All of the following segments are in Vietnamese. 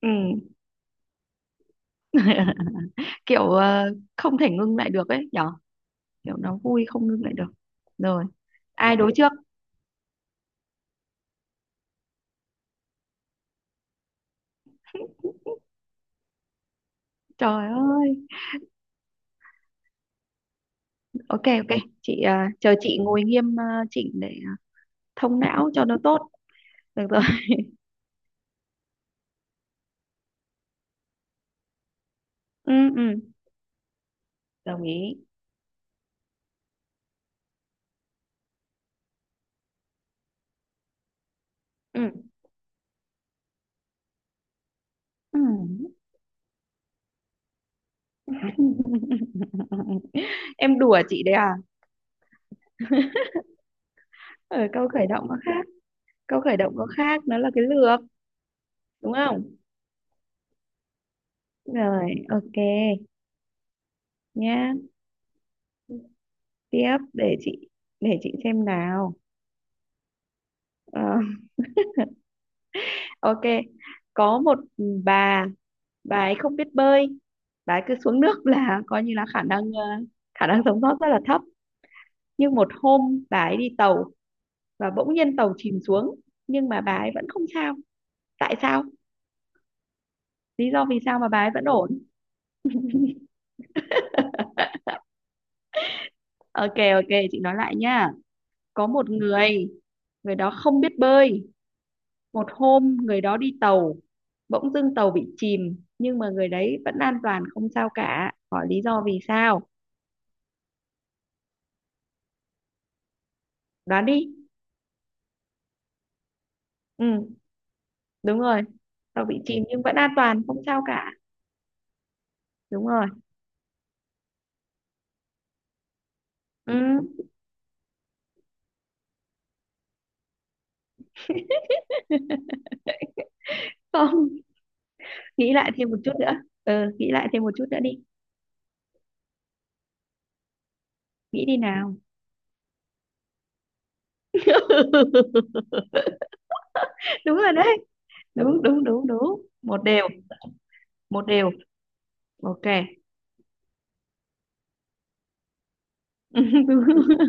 Ừ. Kiểu không thể ngưng lại được ấy nhở. Kiểu nó vui không ngưng lại được. Rồi. Ai, dạ, đối trước. Trời ơi. Ok, ok. Chị chờ chị ngồi nghiêm chỉnh để thông não cho nó tốt. Được rồi. Ừ, ừ, đồng ý. Ừ, ừ. Em đùa chị đấy à? Ở câu khởi động nó khác. Câu khởi động nó khác, nó là cái lược, đúng không? Rồi, ok. Nhá. Tiếp, để chị, để chị xem nào. Ờ, ok. Có một bà bà ấy không biết bơi, bà ấy cứ xuống nước là coi như là khả năng khả năng sống sót rất là thấp. Nhưng một hôm bà ấy đi tàu và bỗng nhiên tàu chìm xuống, nhưng mà bà ấy vẫn không sao. Tại sao? Lý do vì sao mà bà ấy vẫn ổn? Ok, ok, chị nói lại nha. Có một người, người đó không biết bơi, một hôm người đó đi tàu, bỗng dưng tàu bị chìm, nhưng mà người đấy vẫn an toàn không sao cả, hỏi lý do vì sao? Đoán đi. Ừ, đúng rồi. Tàu bị chìm nhưng vẫn an toàn không sao cả. Đúng rồi. Ừ. Không, nghĩ lại thêm một chút nữa. Ừ, nghĩ lại thêm một chút nữa đi. Nghĩ đi nào. Đúng rồi đấy. Đúng, đúng, đúng, đúng, 1 đều. 1 đều. Ok. Đúng.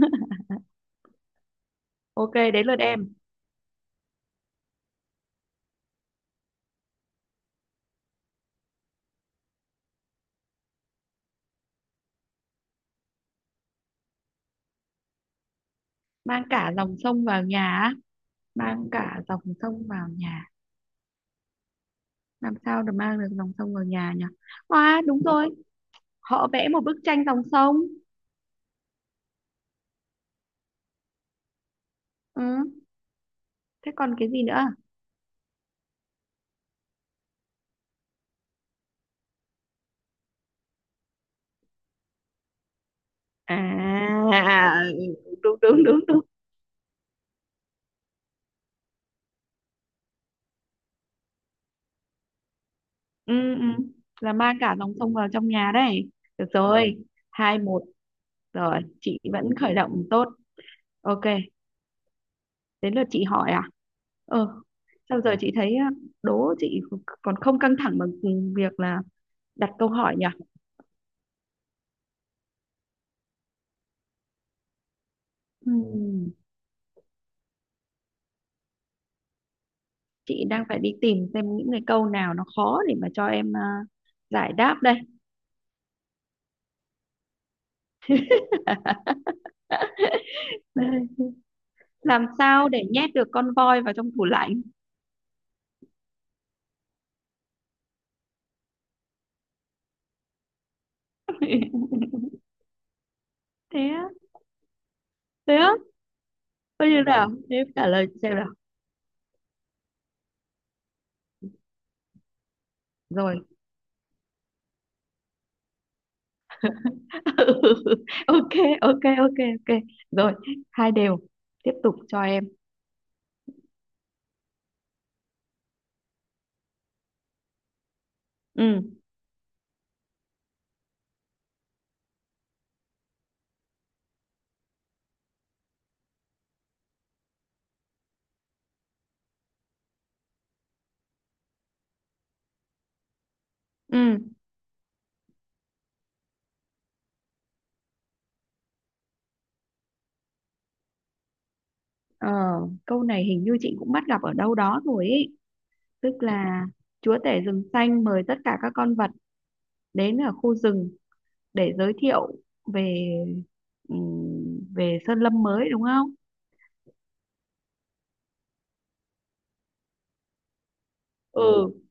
Ok, đến lượt em. Mang cả dòng sông vào nhà á? Mang cả dòng sông vào nhà, làm sao được mang được dòng sông vào nhà nhỉ? À, đúng rồi, họ vẽ một bức tranh dòng sông. Ừ. Thế còn cái gì nữa? À, đúng, đúng, đúng, đúng. Ừ, ừ. Là mang cả dòng sông vào trong nhà đấy. Được rồi. 2-1. Rồi, chị vẫn khởi động tốt. Ok, đến lượt chị hỏi à? ờ Sao giờ? Ok, chị thấy á, đố chị, còn không căng thẳng bằng việc là đặt câu hỏi nhỉ. Ừm, chị đang phải đi tìm xem những cái câu nào nó khó để mà cho em, à, giải đáp đây. Làm sao để nhét được con voi vào trong tủ lạnh? Thế á? Thế á? Có như nào? Nếu trả lời xem nào. Rồi. Ok, ok, ok, ok. Rồi, 2 đều. Tiếp tục cho em. Ừ, ừ. Ờ, Câu này hình như chị cũng bắt gặp ở đâu đó rồi ý. Tức là chúa tể rừng xanh mời tất cả các con vật đến ở khu rừng để giới thiệu về về sơn lâm mới, đúng không? Ừ, ừ,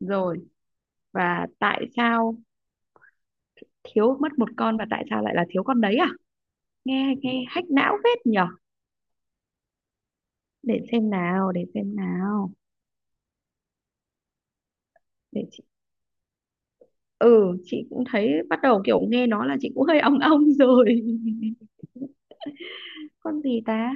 rồi. Và tại sao thiếu mất một con và tại sao lại là thiếu con đấy à? Nghe, nghe hack não phết nhỉ? Để xem nào, để xem nào. Để chị. Ừ, chị cũng thấy bắt đầu kiểu nghe nó là chị cũng hơi ong ong rồi. Con gì ta?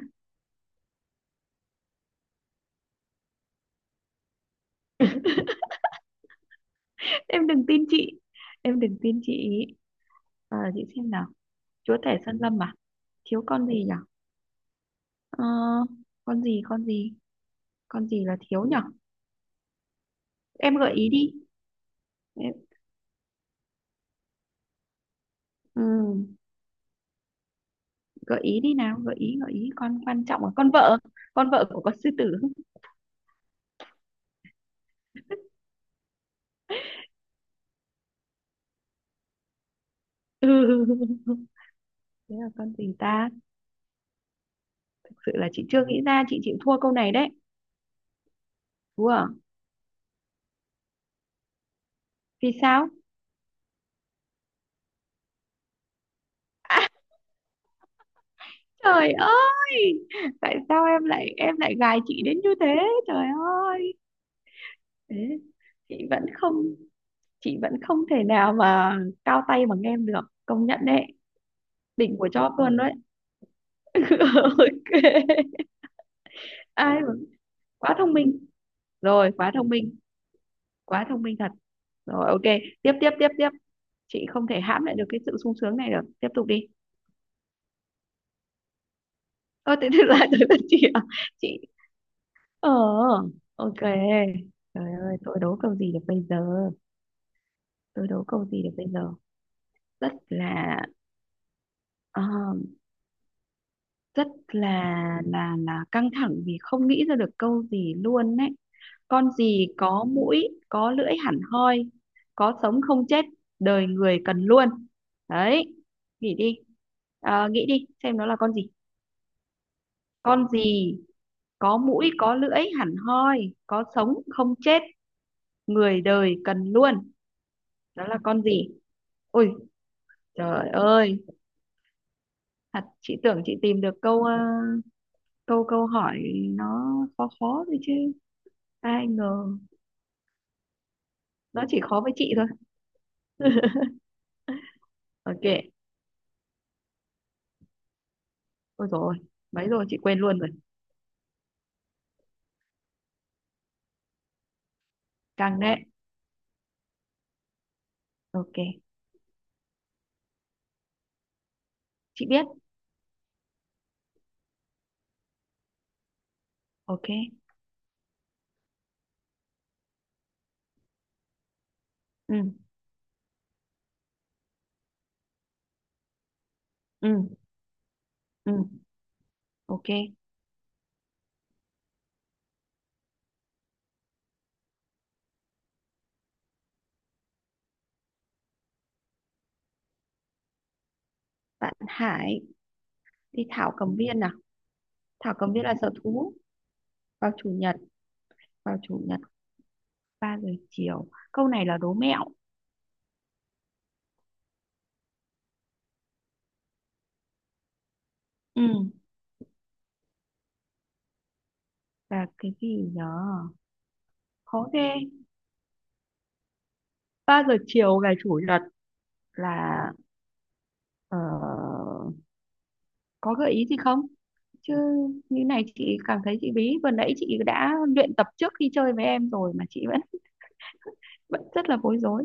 Em đừng tin chị, em đừng tin chị. Chị xem nào. Chúa tể sơn lâm à? Thiếu con gì nhở? Ờ, con gì, con gì, con gì là thiếu nhở? Em gợi ý đi. Em, ừ, gợi ý đi nào, gợi ý, gợi ý con quan trọng là con vợ, con vợ của con sư tử. Ừ. Thế là con gì ta? Thực sự là chị chưa nghĩ ra, chị chịu thua câu này đấy. Ủa, vì sao? Trời ơi, tại sao em lại gài chị đến như thế? Trời ơi, thế chị vẫn không chị vẫn không thể nào mà cao tay bằng em được, công nhận đấy, đỉnh của chóp luôn đấy. Ok, ai mà quá thông minh, rồi quá thông minh thật. Rồi ok, tiếp, tiếp, tiếp, tiếp, chị không thể hãm lại được cái sự sung sướng này được, tiếp tục đi. Ơ thế thì là tới lượt chị à? Chị. Ờ, ok. Trời ơi, tôi đố câu gì được bây giờ? Tôi đố câu gì được bây giờ? Rất là ờ, Rất là căng thẳng vì không nghĩ ra được câu gì luôn đấy. Con gì có mũi, có lưỡi hẳn hoi, có sống không chết, đời người cần luôn. Đấy, nghĩ đi. Nghĩ đi, xem nó là con gì. Con gì có mũi, có lưỡi hẳn hoi, có sống không chết, người đời cần luôn. Đó là con gì? Ôi, trời ơi, thật chị tưởng chị tìm được câu câu câu hỏi nó khó khó thôi chứ. Ai ngờ nó chỉ khó với chị thôi. Ok. Ôi rồi, mấy rồi chị quên luôn rồi. Căng đấy. Ok, chị biết. Ok. Ừ, ừ, ừ. Ok. Bạn Hải đi Thảo Cầm Viên nào. Thảo Cầm Viên là sở thú, vào chủ nhật, vào chủ nhật 3 giờ chiều. Câu này là đố mẹo. Ừ, và cái gì nhở? Khó ghê. 3 giờ chiều ngày chủ nhật là, Ờ, có gợi ý gì không? Chứ như này chị cảm thấy chị bí. Vừa nãy chị đã luyện tập trước khi chơi với em rồi mà chị vẫn, vẫn rất là bối rối.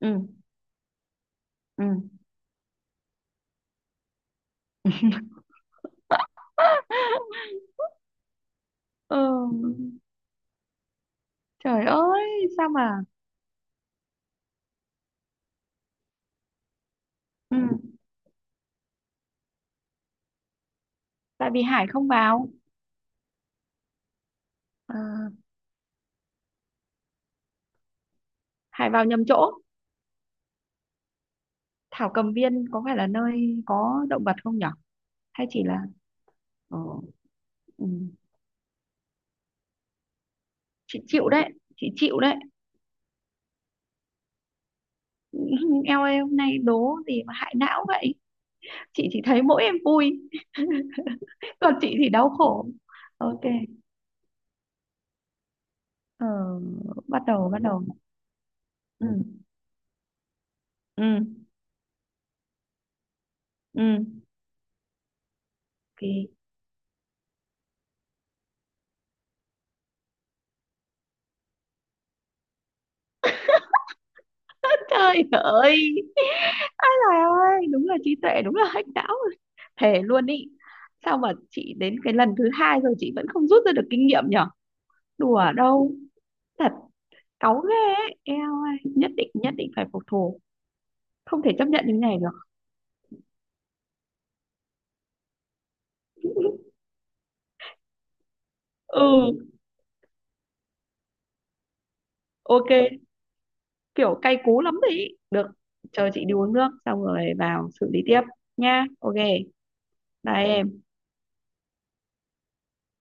Ừ, ừ. Ờ, Trời ơi, sao mà? Ừ, tại vì Hải không vào. Ờ, Hải vào nhầm chỗ. Thảo Cầm Viên có phải là nơi có động vật không nhở? Hay chỉ là ờ, ừ, chị chịu đấy, chị chịu đấy. Eo ơi, hôm nay đố gì mà hại não vậy? Chị chỉ thấy mỗi em vui. Còn chị thì đau khổ. Ok. ờ, Bắt đầu, bắt đầu. Ừ, ừ, ừ. Ok. Trời ơi, ai là ơi đúng là trí tuệ, đúng là hack não rồi. Thề luôn ý. Sao mà chị đến cái lần thứ hai rồi chị vẫn không rút ra được kinh nghiệm nhở? Đùa đâu. Thật. Cáu ghê ấy, eo ơi, nhất định, nhất định phải phục thù. Không thể chấp nhận như này được. Ừ, ok. Kiểu cay cú lắm đấy ý. Được. Chờ chị đi uống nước xong rồi vào xử lý tiếp. Nha, ok. Bye em.